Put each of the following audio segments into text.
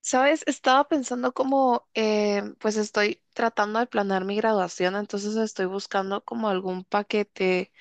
Sabes, estaba pensando como, pues estoy tratando de planear mi graduación, entonces estoy buscando como algún paquete.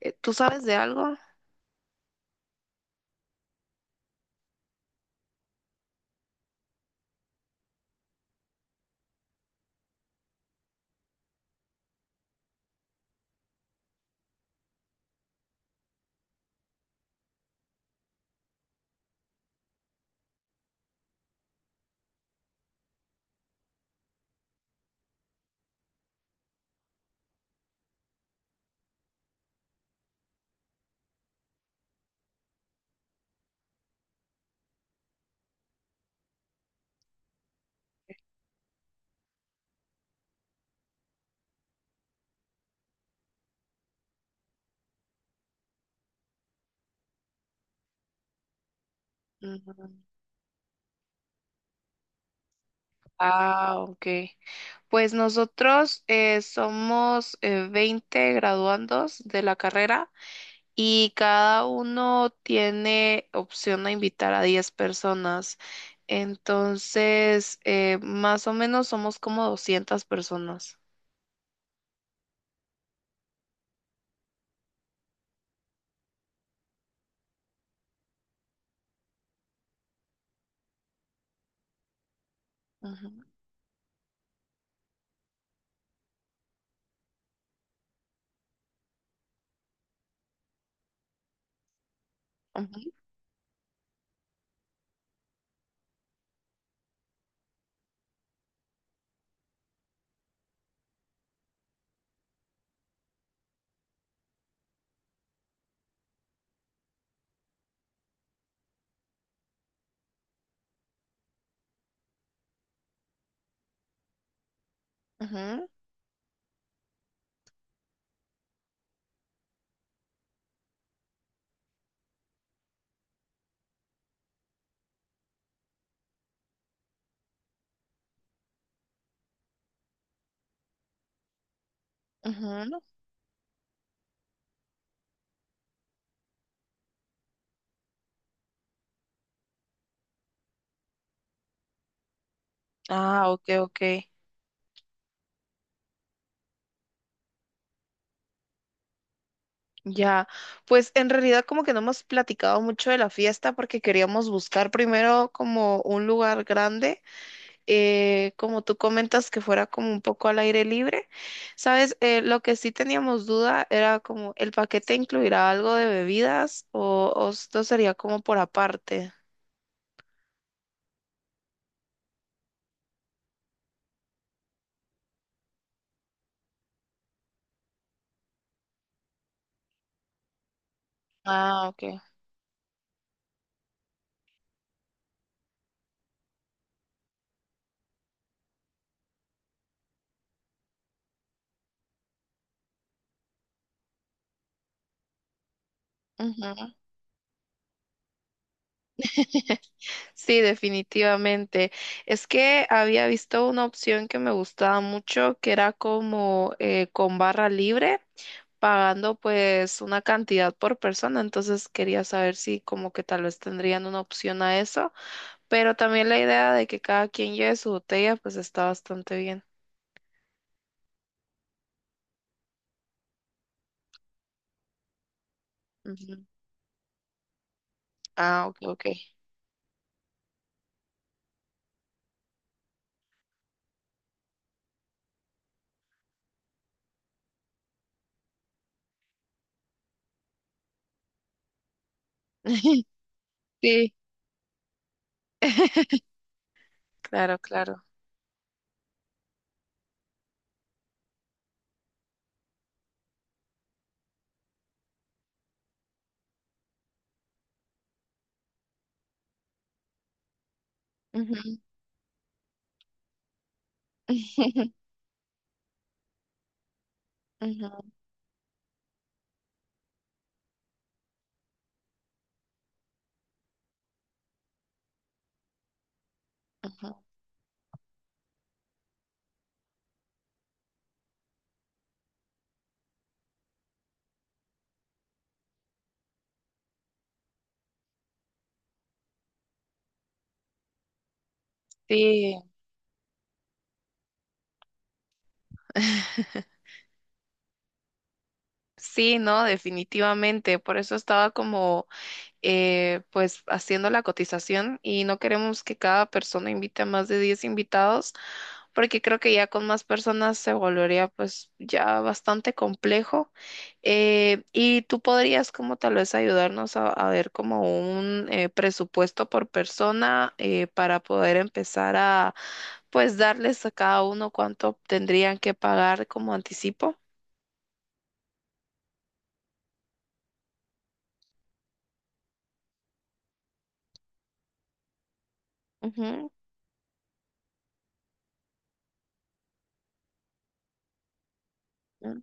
¿Tú sabes de algo? Ujú. Ah, ok. Pues nosotros somos 20 graduandos de la carrera y cada uno tiene opción a invitar a 10 personas. Entonces, más o menos somos como 200 personas. Ujú, ujú, ujú. Ujú. Ah, ok, ok. Ya, pues en realidad como que no hemos platicado mucho de la fiesta porque queríamos buscar primero como un lugar grande, como tú comentas que fuera como un poco al aire libre. Sabes, lo que sí teníamos duda era como el paquete incluirá algo de bebidas o esto sería como por aparte. Ah, ok. Ujú. Sí, definitivamente. Es que había visto una opción que me gustaba mucho, que era como con barra libre, pagando pues una cantidad por persona. Entonces quería saber si como que tal vez tendrían una opción a eso, pero también la idea de que cada quien lleve su botella pues está bastante bien. Ujú. Ah, ok, ok. Sí, claro, claro. Ujú. Ujú, ujú. Sí. Sí, no, definitivamente. Por eso estaba como, pues, haciendo la cotización y no queremos que cada persona invite a más de 10 invitados, porque creo que ya con más personas se volvería, pues, ya bastante complejo. Y tú podrías, como tal vez, ayudarnos a ver como un presupuesto por persona para poder empezar pues, darles a cada uno cuánto tendrían que pagar como anticipo. Ujú, ujú,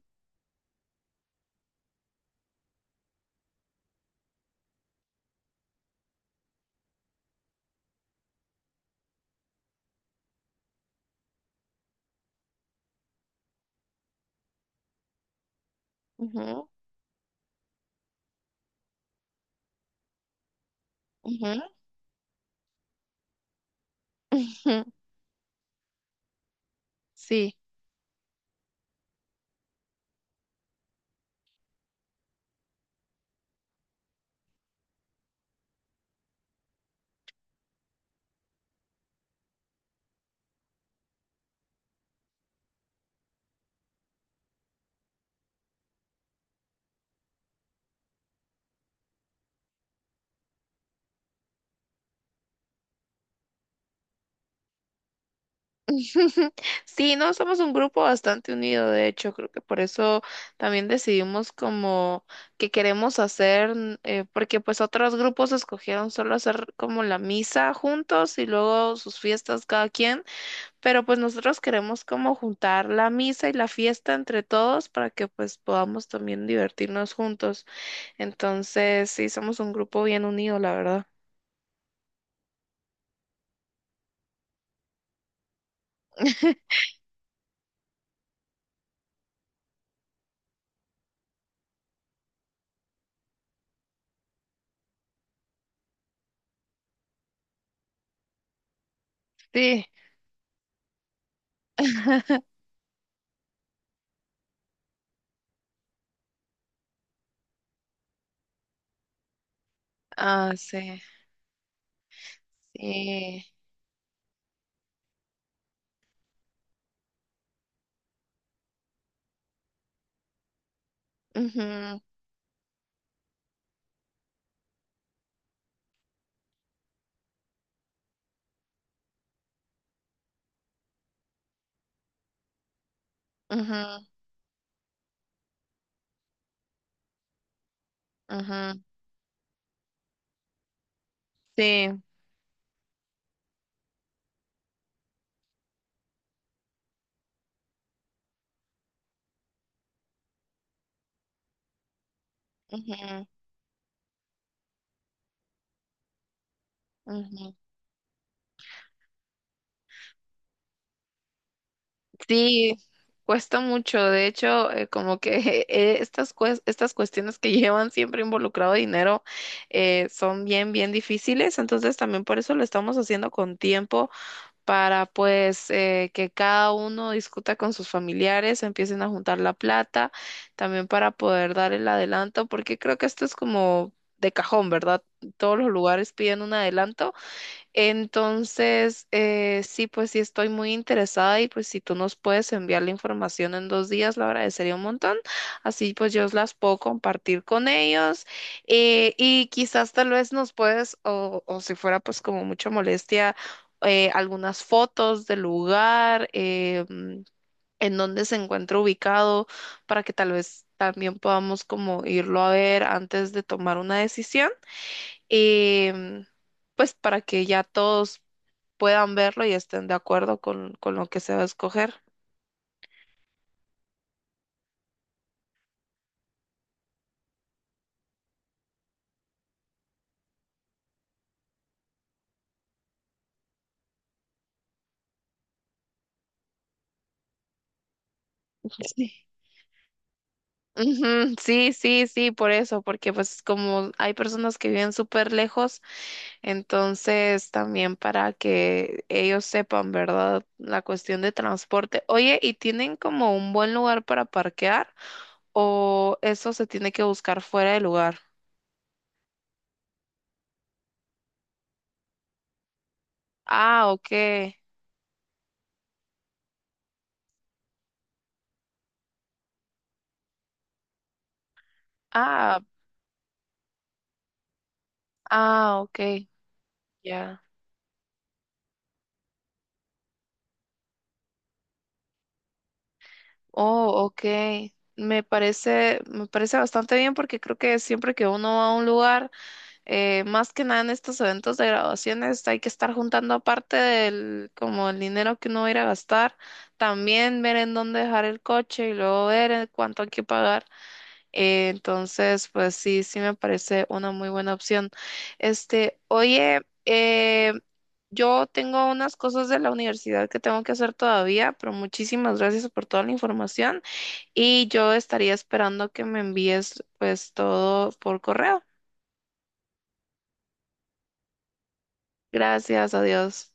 ujú. Ujú, ujú, Sí, sí, no, somos un grupo bastante unido, de hecho, creo que por eso también decidimos como que queremos hacer, porque pues otros grupos escogieron solo hacer como la misa juntos y luego sus fiestas cada quien, pero pues nosotros queremos como juntar la misa y la fiesta entre todos para que pues podamos también divertirnos juntos. Entonces, sí, somos un grupo bien unido, la verdad. Sí, ah, sí, sí. Ujú, ujú, ujú, Sí, ujú, ujú. Sí, cuesta mucho. De hecho, como que estas, estas cuestiones que llevan siempre involucrado dinero son bien difíciles. Entonces, también por eso lo estamos haciendo con tiempo para pues que cada uno discuta con sus familiares, empiecen a juntar la plata, también para poder dar el adelanto, porque creo que esto es como de cajón, ¿verdad? Todos los lugares piden un adelanto. Entonces, sí, pues sí estoy muy interesada y pues si tú nos puedes enviar la información en 2 días, lo agradecería un montón. Así pues yo las puedo compartir con ellos y quizás tal vez nos puedes, o si fuera pues como mucha molestia, algunas fotos del lugar, en donde se encuentra ubicado, para que tal vez también podamos como irlo a ver antes de tomar una decisión. Em, pues para que ya todos puedan verlo y estén de acuerdo con lo que se va a escoger. Sí. Ujú, sí, sí, sí, por eso, porque pues como hay personas que viven súper lejos, entonces también para que ellos sepan, ¿verdad? La cuestión de transporte. Oye, ¿y tienen como un buen lugar para parquear o eso se tiene que buscar fuera del lugar? Ah, ok. Ah, ah, ok. Ya. Oh, ok. Me parece bastante bien porque creo que siempre que uno va a un lugar, más que nada en estos eventos de graduaciones, hay que estar juntando aparte del, como el dinero que uno va a ir a gastar, también ver en dónde dejar el coche y luego ver en cuánto hay que pagar. Entonces, pues sí, sí me parece una muy buena opción. Este, oye, yo tengo unas cosas de la universidad que tengo que hacer todavía, pero muchísimas gracias por toda la información y yo estaría esperando que me envíes pues todo por correo. Gracias, adiós.